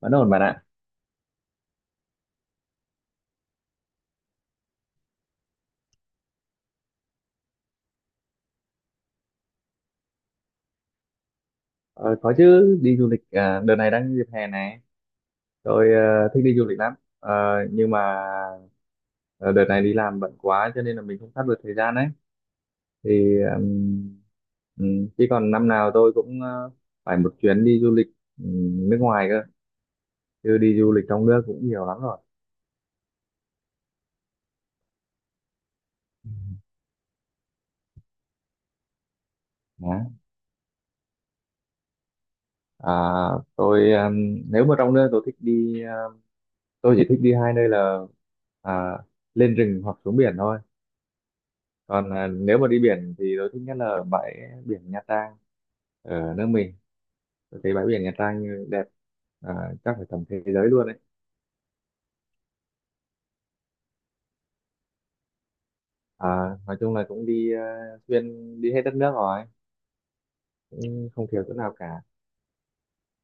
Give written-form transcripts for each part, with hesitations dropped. Vẫn ổn bạn ạ. Ờ, có chứ, đi du lịch à? Đợt này đang dịp hè này, tôi thích đi du lịch lắm. Ờ, nhưng mà ờ, đợt này đi làm bận quá cho nên là mình không sắp được thời gian ấy. Thì chứ còn năm nào tôi cũng phải một chuyến đi du lịch, nước ngoài cơ, chứ đi du lịch trong nước cũng nhiều lắm rồi. Đó. à, tôi, nếu mà trong nước, tôi chỉ thích đi 2 nơi là à, lên rừng hoặc xuống biển thôi. Còn nếu mà đi biển thì tôi thích nhất là bãi biển Nha Trang. Ở nước mình tôi thấy bãi biển Nha Trang đẹp, à, chắc phải tầm thế giới luôn đấy. à, nói chung là cũng đi xuyên đi hết đất nước rồi, cũng không thiếu chỗ nào cả.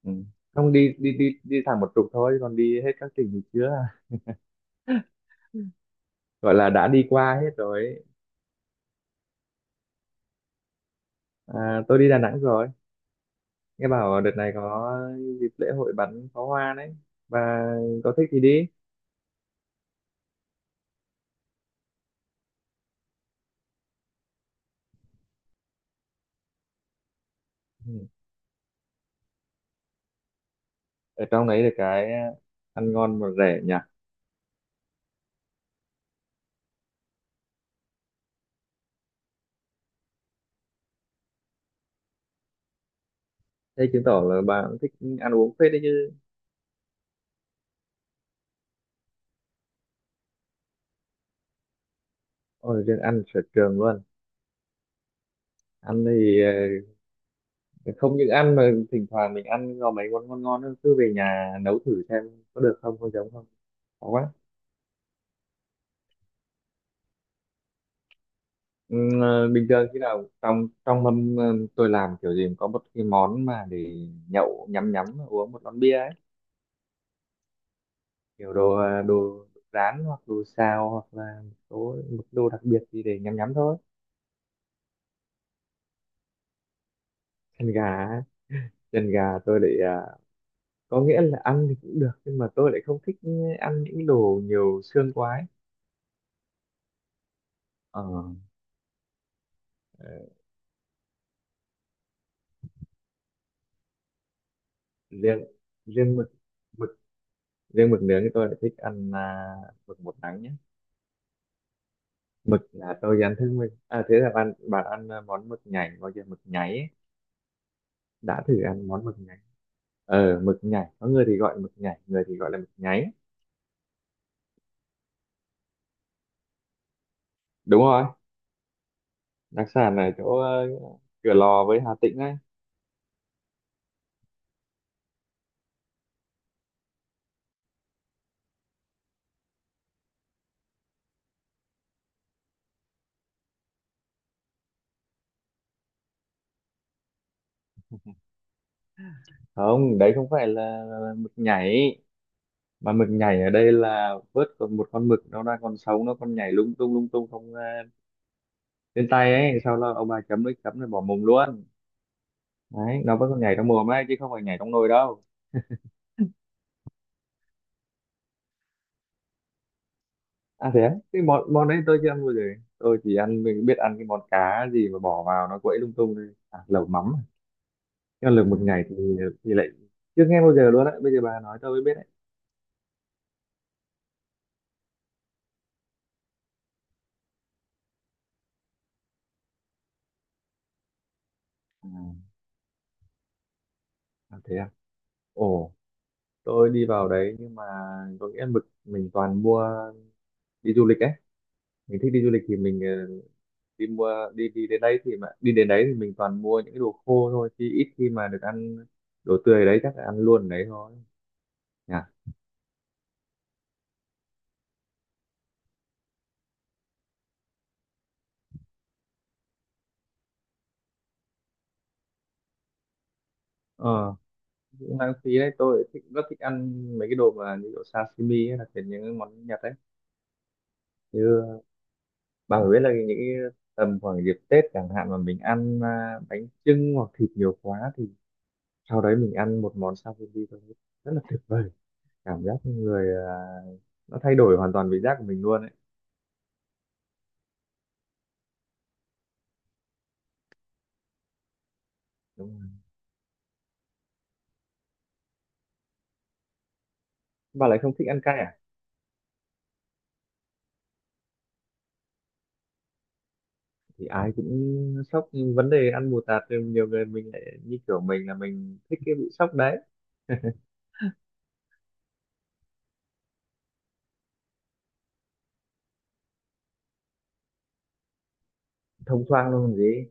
Ừ. Không, đi đi đi đi thẳng một trục thôi, còn đi hết các tỉnh thì chưa. Gọi là đã đi qua hết rồi ấy. Tôi đi Đà Nẵng rồi. Nghe bảo đợt này có dịp lễ hội bắn pháo hoa đấy, và có thích thì đi. Ừ. Ở trong đấy được cái ăn ngon mà rẻ nhỉ. Thế chứng tỏ là bà cũng thích ăn uống phết đấy chứ. Ôi, riêng ăn sở trường luôn. Ăn thì ờ, không những ăn mà thỉnh thoảng mình ăn có mấy món ngon ngon nữa, cứ về nhà nấu thử xem có được không, có giống không. Khó quá. Ừ, bình thường khi nào trong trong mâm tôi làm kiểu gì cũng có một cái món mà để nhậu, nhắm nhắm uống một lon bia ấy. Kiểu đồ rán, hoặc đồ xào, hoặc là một đồ đặc biệt gì để nhắm nhắm thôi. Chân gà, chân gà, tôi để, có nghĩa là ăn thì cũng được, nhưng mà tôi lại không thích ăn những đồ nhiều xương quá ấy. Ờ, ờ, riêng riêng mực mực riêng mực nướng thì tôi lại thích ăn, mực một nắng nhé. Mực là tôi ăn thức mình, à thế là bạn bạn ăn, món mực nhảy gọi là mực nháy ấy. Đã thử ăn món mực nháy mực nhảy. Có người thì gọi mực nhảy, người thì gọi là mực nháy. Đúng rồi, đặc sản ở chỗ Cửa Lò với Hà Tĩnh ấy. Không, đấy không phải là mực nhảy, mà mực nhảy ở đây là vớt còn một con mực nó đang còn sống, nó còn nhảy lung tung lung tung, không lên tay ấy, sau đó ông bà chấm nước chấm rồi bỏ mồm luôn. Đấy, nó vẫn còn nhảy trong mồm ấy chứ không phải nhảy trong nồi đâu. À thế á? Cái món món đấy tôi chưa ăn bao giờ. Tôi chỉ ăn, mình biết ăn cái món cá gì mà bỏ vào nó quậy lung tung thôi, lẩu mắm. Nhưng lẩu mực nhảy thì lại chưa nghe bao giờ luôn đấy, bây giờ bà nói tôi mới biết đấy. à, Thế à, ồ, tôi đi vào đấy nhưng mà có nghĩa mực mình toàn mua. Đi du lịch ấy, mình thích đi du lịch thì mình đi đi đến đấy thì mình toàn mua những cái đồ khô thôi, chứ ít khi mà được ăn đồ tươi đấy, chắc là ăn luôn đấy thôi nhỉ. ờ Cũng lãng phí đấy, tôi rất thích ăn mấy cái đồ mà như kiểu sashimi hay là kiểu những cái món Nhật đấy. Như bà phải biết là những cái tầm khoảng dịp Tết chẳng hạn mà mình ăn bánh chưng hoặc thịt nhiều quá thì sau đấy mình ăn một món sashimi thôi, rất là tuyệt vời. Cảm giác người, nó thay đổi hoàn toàn vị giác của mình luôn ấy. Đúng rồi, bà lại không thích ăn cay à. Thì ai cũng sốc, vấn đề ăn bù tạt thì nhiều người mình lại như kiểu mình là mình thích cái bị sốc đấy. Thông thoáng luôn còn gì,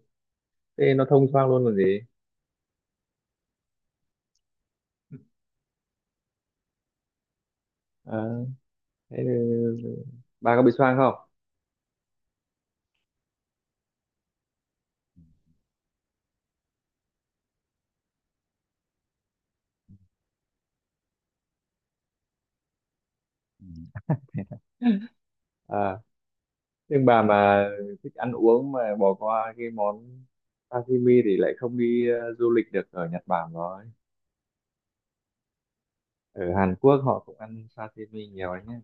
thế nó thông thoáng luôn còn gì. Ờ, Thế thì bà có bị xoang không? Ừ. à nhưng bà mà thích ăn uống mà bỏ qua cái món sashimi thì lại không đi du lịch được ở Nhật Bản rồi. Ở Hàn Quốc họ cũng ăn sashimi nhiều đấy nhé.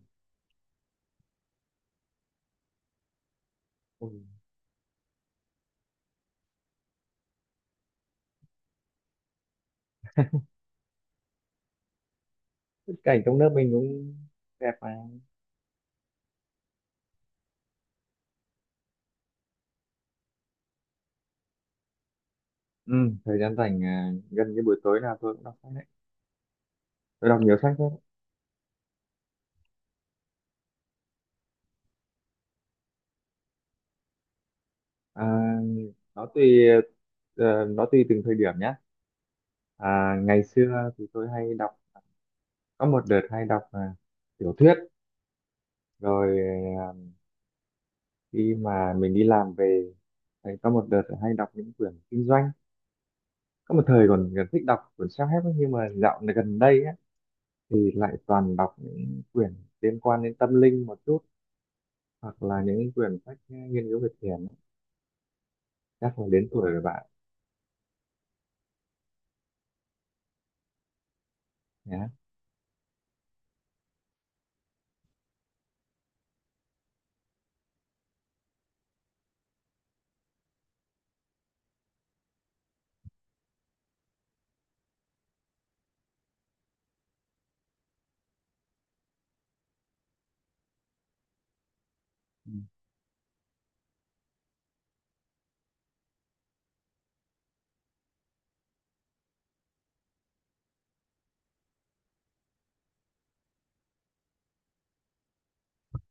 Ui, tất cả cảnh trong nước mình cũng đẹp mà. ừ, Thời gian rảnh, gần như buổi tối nào tôi cũng đọc sách đấy. Tôi đọc nhiều sách lắm. À, nó tùy, từng thời điểm nhé. Ngày xưa thì tôi hay đọc, có một đợt hay đọc tiểu thuyết. Rồi à, khi mà mình đi làm về thì có một đợt hay đọc những quyển kinh doanh. Có một thời còn còn thích đọc quyển self-help ấy, nhưng mà dạo này gần đây á, thì lại toàn đọc những quyển liên quan đến tâm linh một chút, hoặc là những quyển sách nghiên cứu về thiền. Chắc là đến tuổi rồi bạn nhé.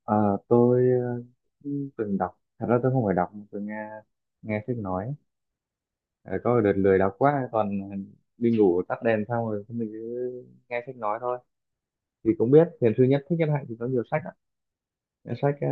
Ờ, tôi từng đọc. Thật ra tôi không phải đọc mà tôi nghe nghe sách nói. Ờ, có một đợt lười đọc quá, còn đi ngủ tắt đèn xong rồi mình cứ nghe sách nói thôi, thì cũng biết thiền sư Thích Nhất Hạnh thì có nhiều sách ạ. Những sách,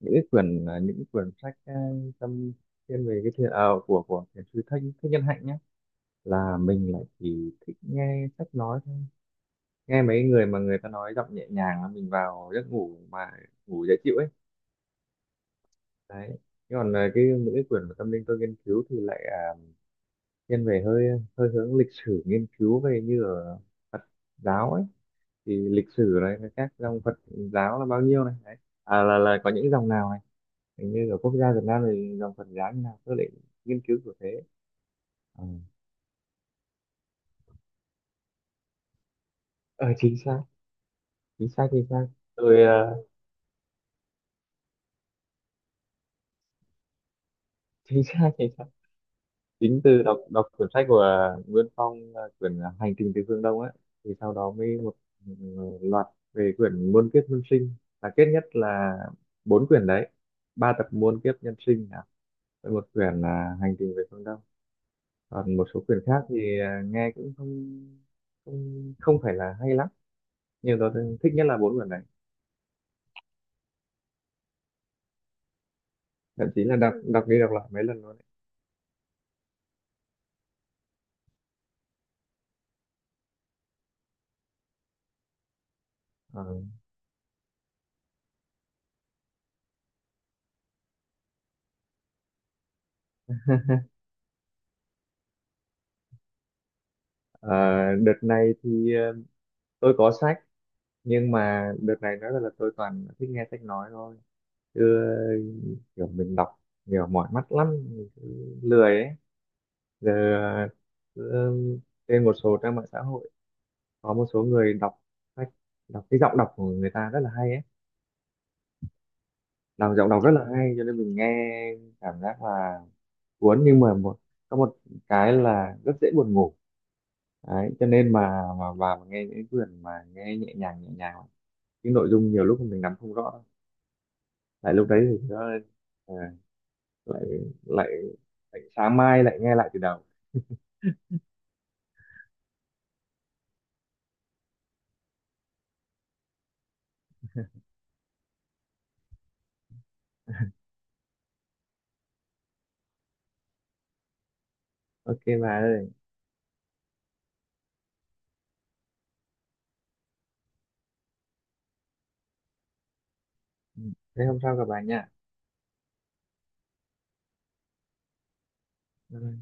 những cái quyển, những cái quyển sách, tâm thiên về cái thiền, của thiền sư Thích Thích Nhân Hạnh nhé, là mình lại chỉ thích nghe sách nói thôi. Nghe mấy người mà người ta nói giọng nhẹ nhàng là mình vào giấc ngủ mà ngủ dễ chịu ấy. Đấy, thế còn là cái những cái quyển mà tâm linh tôi nghiên cứu thì lại, thiên về hơi hơi hướng lịch sử, nghiên cứu về như ở Phật giáo ấy. Thì lịch sử này với các dòng Phật giáo là bao nhiêu này đấy, là có những dòng nào này, hình như ở quốc gia Việt Nam thì dòng Phật giáo như nào tôi lại nghiên cứu của thế. Ừ. ờ ừ. Chính xác, chính xác, chính xác. Tôi, chính xác, chính xác. Chính từ đọc, quyển sách của Nguyên Phong là quyển Hành Trình Từ Phương Đông ấy, thì sau đó mới một, ừ, loạt về quyển Muôn Kiếp Nhân Sinh. Là kết nhất là 4 quyển đấy, 3 tập Muôn Kiếp Nhân Sinh, với một quyển là Hành Trình Về Phương Đông. Còn một số quyển khác thì nghe cũng không không không phải là hay lắm, nhưng tôi thích nhất là 4 quyển đấy, thậm chí là đọc đọc đi đọc lại mấy lần luôn đấy. Ờ, ờ, Đợt này thì tôi có sách, nhưng mà đợt này nói là tôi toàn thích nghe sách nói thôi. Cứ kiểu mình đọc nhiều mỏi mắt lắm, mình cứ lười ấy. Giờ cứ trên một số trang mạng xã hội có một số người đọc sách, đọc cái giọng đọc của người ta rất là hay ấy. Đọc giọng đọc rất là hay cho nên mình nghe cảm giác là cuốn, nhưng mà một, có một cái là rất dễ buồn ngủ đấy, cho nên mà vào mà nghe những quyển mà nghe nhẹ nhàng nhẹ nhàng, cái nội dung nhiều lúc mình nắm không rõ, lại lúc đấy thì nó ờ, lại lại lại sáng mai lại nghe lại từ đầu. Ok bà ơi. Ừ, thế hôm sau gặp bà nha. Bye bye.